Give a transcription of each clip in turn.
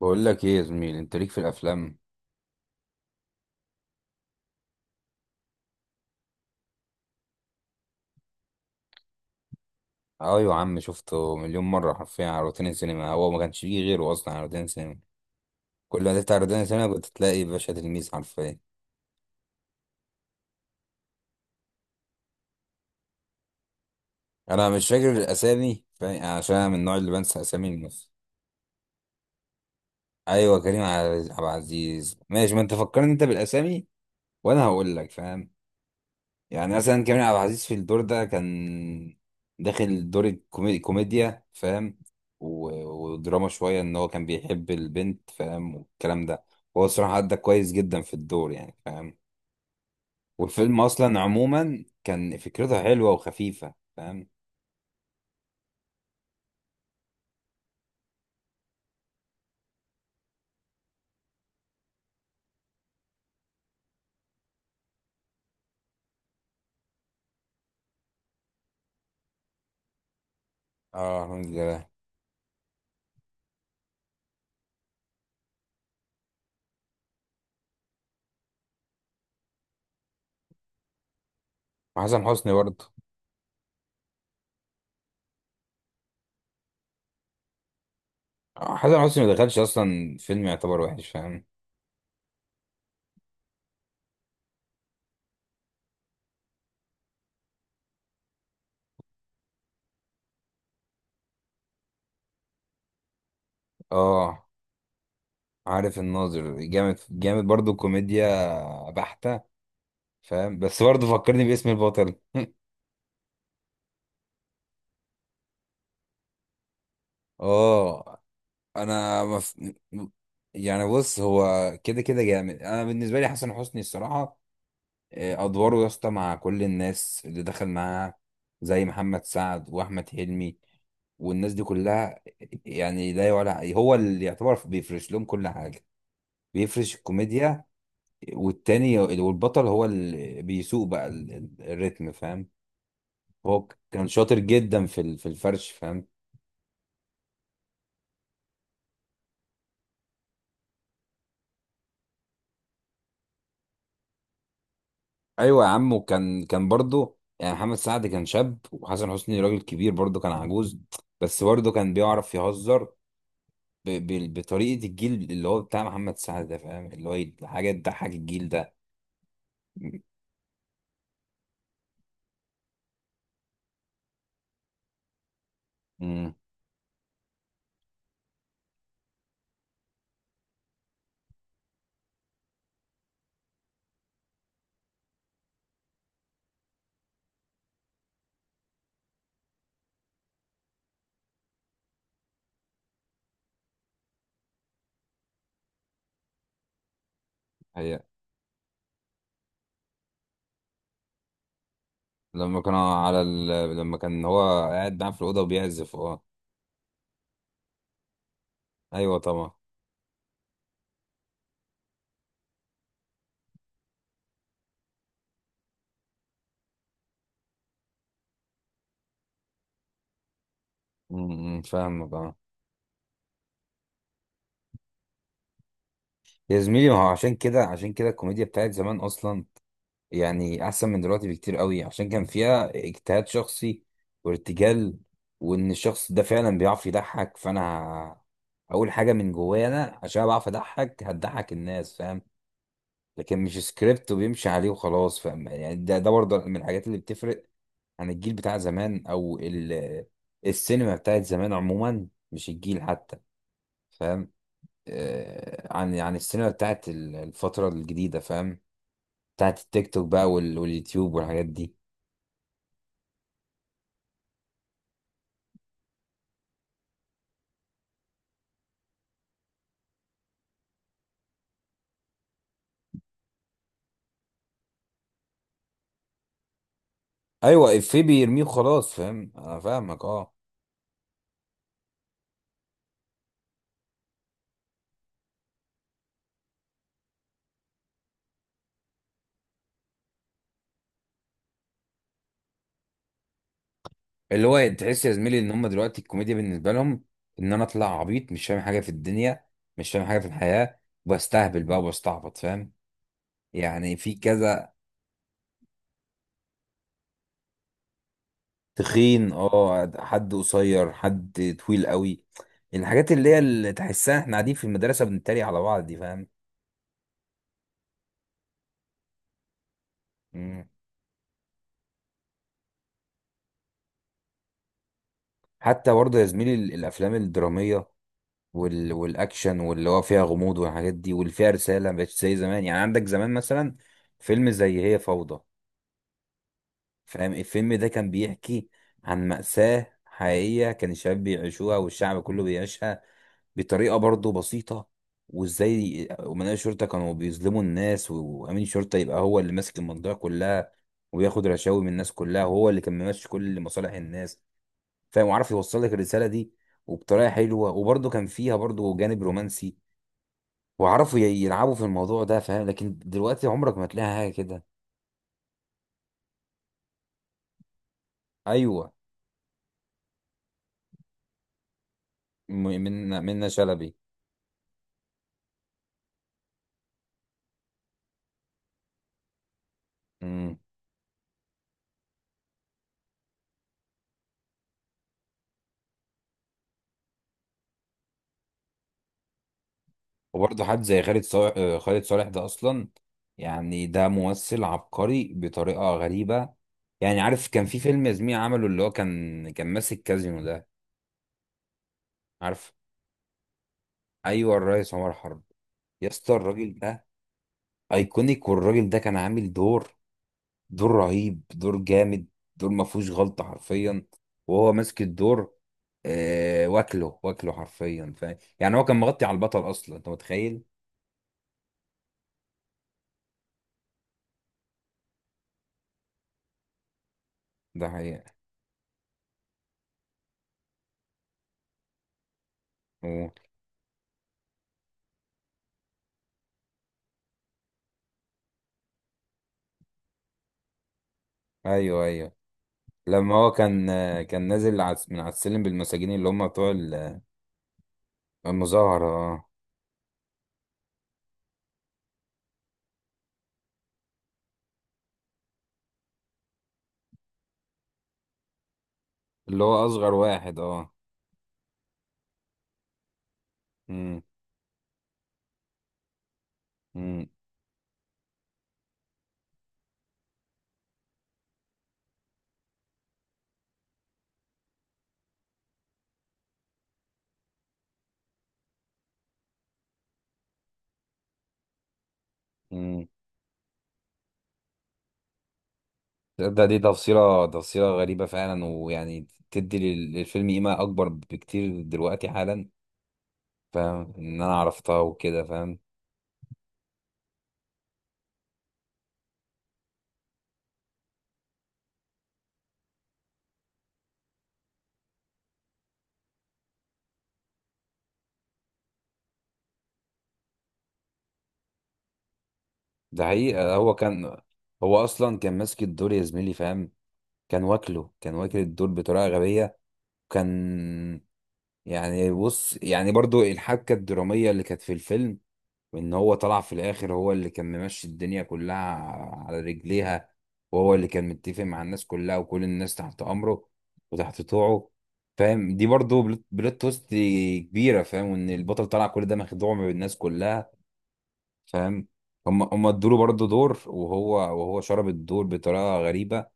بقول لك ايه يا زميل، انت ليك في الافلام. اه يا عم، شفته مليون مره حرفيا على روتين السينما، هو ما كانش فيه غيره اصلا على روتين السينما. كل ما تفتح روتين السينما كنت تلاقي باشا تلميذ حرفيا. انا مش فاكر الاسامي، فاهم؟ عشان انا من النوع اللي بنسى اسامي الممثل. ايوه، كريم عبد العزيز، ماشي، ما انت فكرني انت بالاسامي وانا هقول لك، فاهم. يعني مثلا كريم عبد العزيز في الدور ده كان داخل دور كوميديا، فاهم، ودراما شوية، ان هو كان بيحب البنت، فاهم، والكلام ده. هو الصراحة أدى كويس جدا في الدور، يعني، فاهم. والفيلم أصلا عموما كان فكرته حلوة وخفيفة، فاهم. اه، الحمد لله. وحسن حسني برضه. حسن حسني ما دخلش أصلا فيلم يعتبر وحش، فاهم. اه، عارف الناظر جامد جامد برضه، كوميديا بحتة، فاهم، بس برضه فكرني باسم البطل اه، انا م- يعني بص، هو كده كده جامد، انا بالنسبه لي حسن حسني الصراحه، ادواره يا اسطى مع كل الناس اللي دخل معاها زي محمد سعد واحمد حلمي والناس دي كلها. يعني لا يعلى، هو اللي يعتبر بيفرش لهم كل حاجه، بيفرش الكوميديا، والتاني والبطل هو اللي بيسوق بقى الريتم، فاهم. هو كان شاطر جدا في الفرش، فاهم. ايوه يا عم، وكان برضه يعني محمد سعد كان شاب وحسن حسني راجل كبير، برضه كان عجوز، بس برضه كان بيعرف يهزر بطريقه الجيل اللي هو بتاع محمد سعد ده، فاهم، اللي هو حاجه تضحك الجيل ده. امم هي، لما كان على ال... لما كان هو قاعد معاه في الاوضه وبيعزف، اه. ايوه طبعا. فاهمك، اه. يا زميلي، ما هو عشان كده عشان كده الكوميديا بتاعت زمان اصلا يعني احسن من دلوقتي بكتير قوي، عشان كان فيها اجتهاد شخصي وارتجال، وان الشخص ده فعلا بيعرف يضحك. فانا اول حاجه من جوايا، انا عشان بعرف اضحك هتضحك الناس، فاهم، لكن مش سكريبت وبيمشي عليه وخلاص، فاهم. يعني ده برضه من الحاجات اللي بتفرق عن الجيل بتاع زمان، او السينما بتاعت زمان عموما، مش الجيل حتى. عن السينما بتاعت الفتره الجديده، فاهم، بتاعت التيك توك بقى واليوتيوب والحاجات دي. ايوه، افيه بيرميه وخلاص، فاهم، انا فاهمك، اه. اللي هو تحس يا زميلي ان هم دلوقتي الكوميديا بالنسبه لهم ان انا اطلع عبيط مش فاهم حاجه في الدنيا، مش فاهم حاجه في الحياه، وبستهبل بقى وبستعبط، فاهم. يعني في كذا، تخين، اه، حد قصير، حد طويل قوي، الحاجات اللي هي اللي تحسها احنا قاعدين في المدرسه بنتريق على بعض دي، فاهم. مم. حتى برضه يا زميلي الافلام الدراميه والاكشن واللي هو فيها غموض والحاجات دي واللي فيها رساله، مبقتش زي زمان. يعني عندك زمان مثلا فيلم زي هي فوضى، فاهم، الفيلم ده كان بيحكي عن مأساة حقيقية كان الشباب بيعيشوها والشعب كله بيعيشها، بطريقة برضه بسيطة، وازاي أمناء الشرطة كانوا بيظلموا الناس وأمين الشرطة يبقى هو اللي ماسك المنطقة كلها وياخد رشاوي من الناس كلها، وهو اللي كان ماشي كل مصالح الناس، فاهم، وعارف يوصل لك الرسالة دي، وبطريقة حلوة، وبرضه كان فيها برضه جانب رومانسي، وعرفوا يلعبوا في الموضوع ده، فاهم. لكن دلوقتي عمرك ما تلاقي حاجه كده. ايوه، م- منا شلبي. امم وبرضه حد زي خالد صالح. خالد صالح ده اصلا يعني ده ممثل عبقري بطريقه غريبه. يعني عارف كان في فيلم يا زميلي عمله، اللي هو كان ماسك كازينو ده؟ عارف. ايوه، الريس عمر حرب، يا اسطى، الراجل ده ايكونيك، والراجل ده كان عامل دور، دور رهيب، دور جامد، دور ما فيهوش غلطة حرفيا، وهو ماسك الدور. واكله، واكله حرفيا، فاهم، يعني هو كان مغطي على البطل اصلا، انت متخيل؟ ده حقيقة. و- ايوه ايوه. لما هو كان، كان نازل من على السلم بالمساجين اللي هم بتوع المظاهرة، اه. اللي هو اصغر واحد، اه. مم، مم، مم. دي تفصيلة غريبة فعلا، ويعني تدي للفيلم قيمة أكبر بكتير دلوقتي حالا، فاهم، ان انا عرفتها وكده، فاهم. ده حقيقة، هو كان، هو اصلا كان ماسك الدور يا زميلي، فاهم، كان واكل الدور بطريقة غبية. كان يعني بص، يعني برضو الحبكة الدرامية اللي كانت في الفيلم، وان هو طلع في الاخر هو اللي كان ممشي الدنيا كلها على رجليها، وهو اللي كان متفق مع الناس كلها وكل الناس تحت امره وتحت طوعه، فاهم. دي برضو بلوت توست كبيرة، فاهم، وان البطل طلع كل ده مخدوع من الناس كلها، فاهم. هم ادوا له برضه دور، وهو شرب الدور بطريقه غريبه،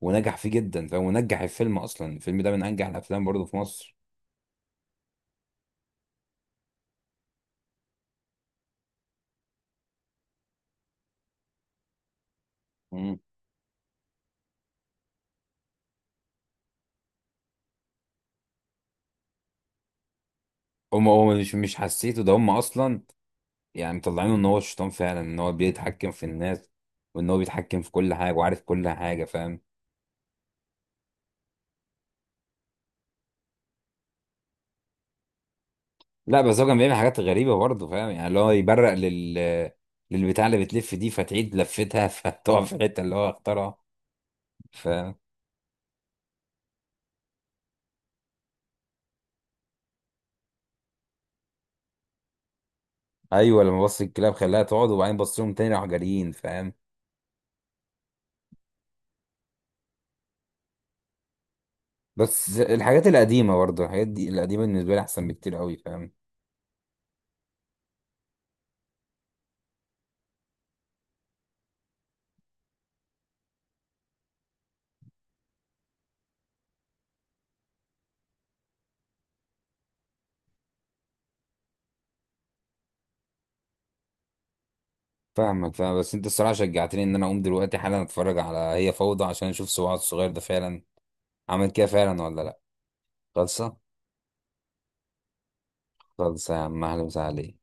ونجح فيه جدا، فاهم، ونجح الفيلم اصلا، الفيلم ده من انجح الافلام برضه في مصر. مم. هم مش حسيته، ده هم اصلا يعني مطلعينه ان هو الشيطان فعلا، ان هو بيتحكم في الناس وان هو بيتحكم في كل حاجه وعارف كل حاجه، فاهم. لا بس هو كان بيعمل حاجات غريبه برضه، فاهم، يعني اللي هو يبرق للبتاع اللي بتلف دي فتعيد لفتها فتقع في الحته اللي هو اختارها، فاهم. ايوه، لما بص الكلاب خلاها تقعد، وبعدين بص لهم تاني راحوا جاريين، فاهم. بس الحاجات القديمه، برضه الحاجات دي القديمه بالنسبه لي احسن بكتير قوي، فاهم. فاهمك، فاهم، بس انت الصراحه شجعتني ان انا اقوم دلوقتي حالا اتفرج على هي فوضى عشان اشوف سواد الصغير ده فعلا عمل كده فعلا ولا لا. خلصه، خلصه يا عم، اهلا وسهلا عليك.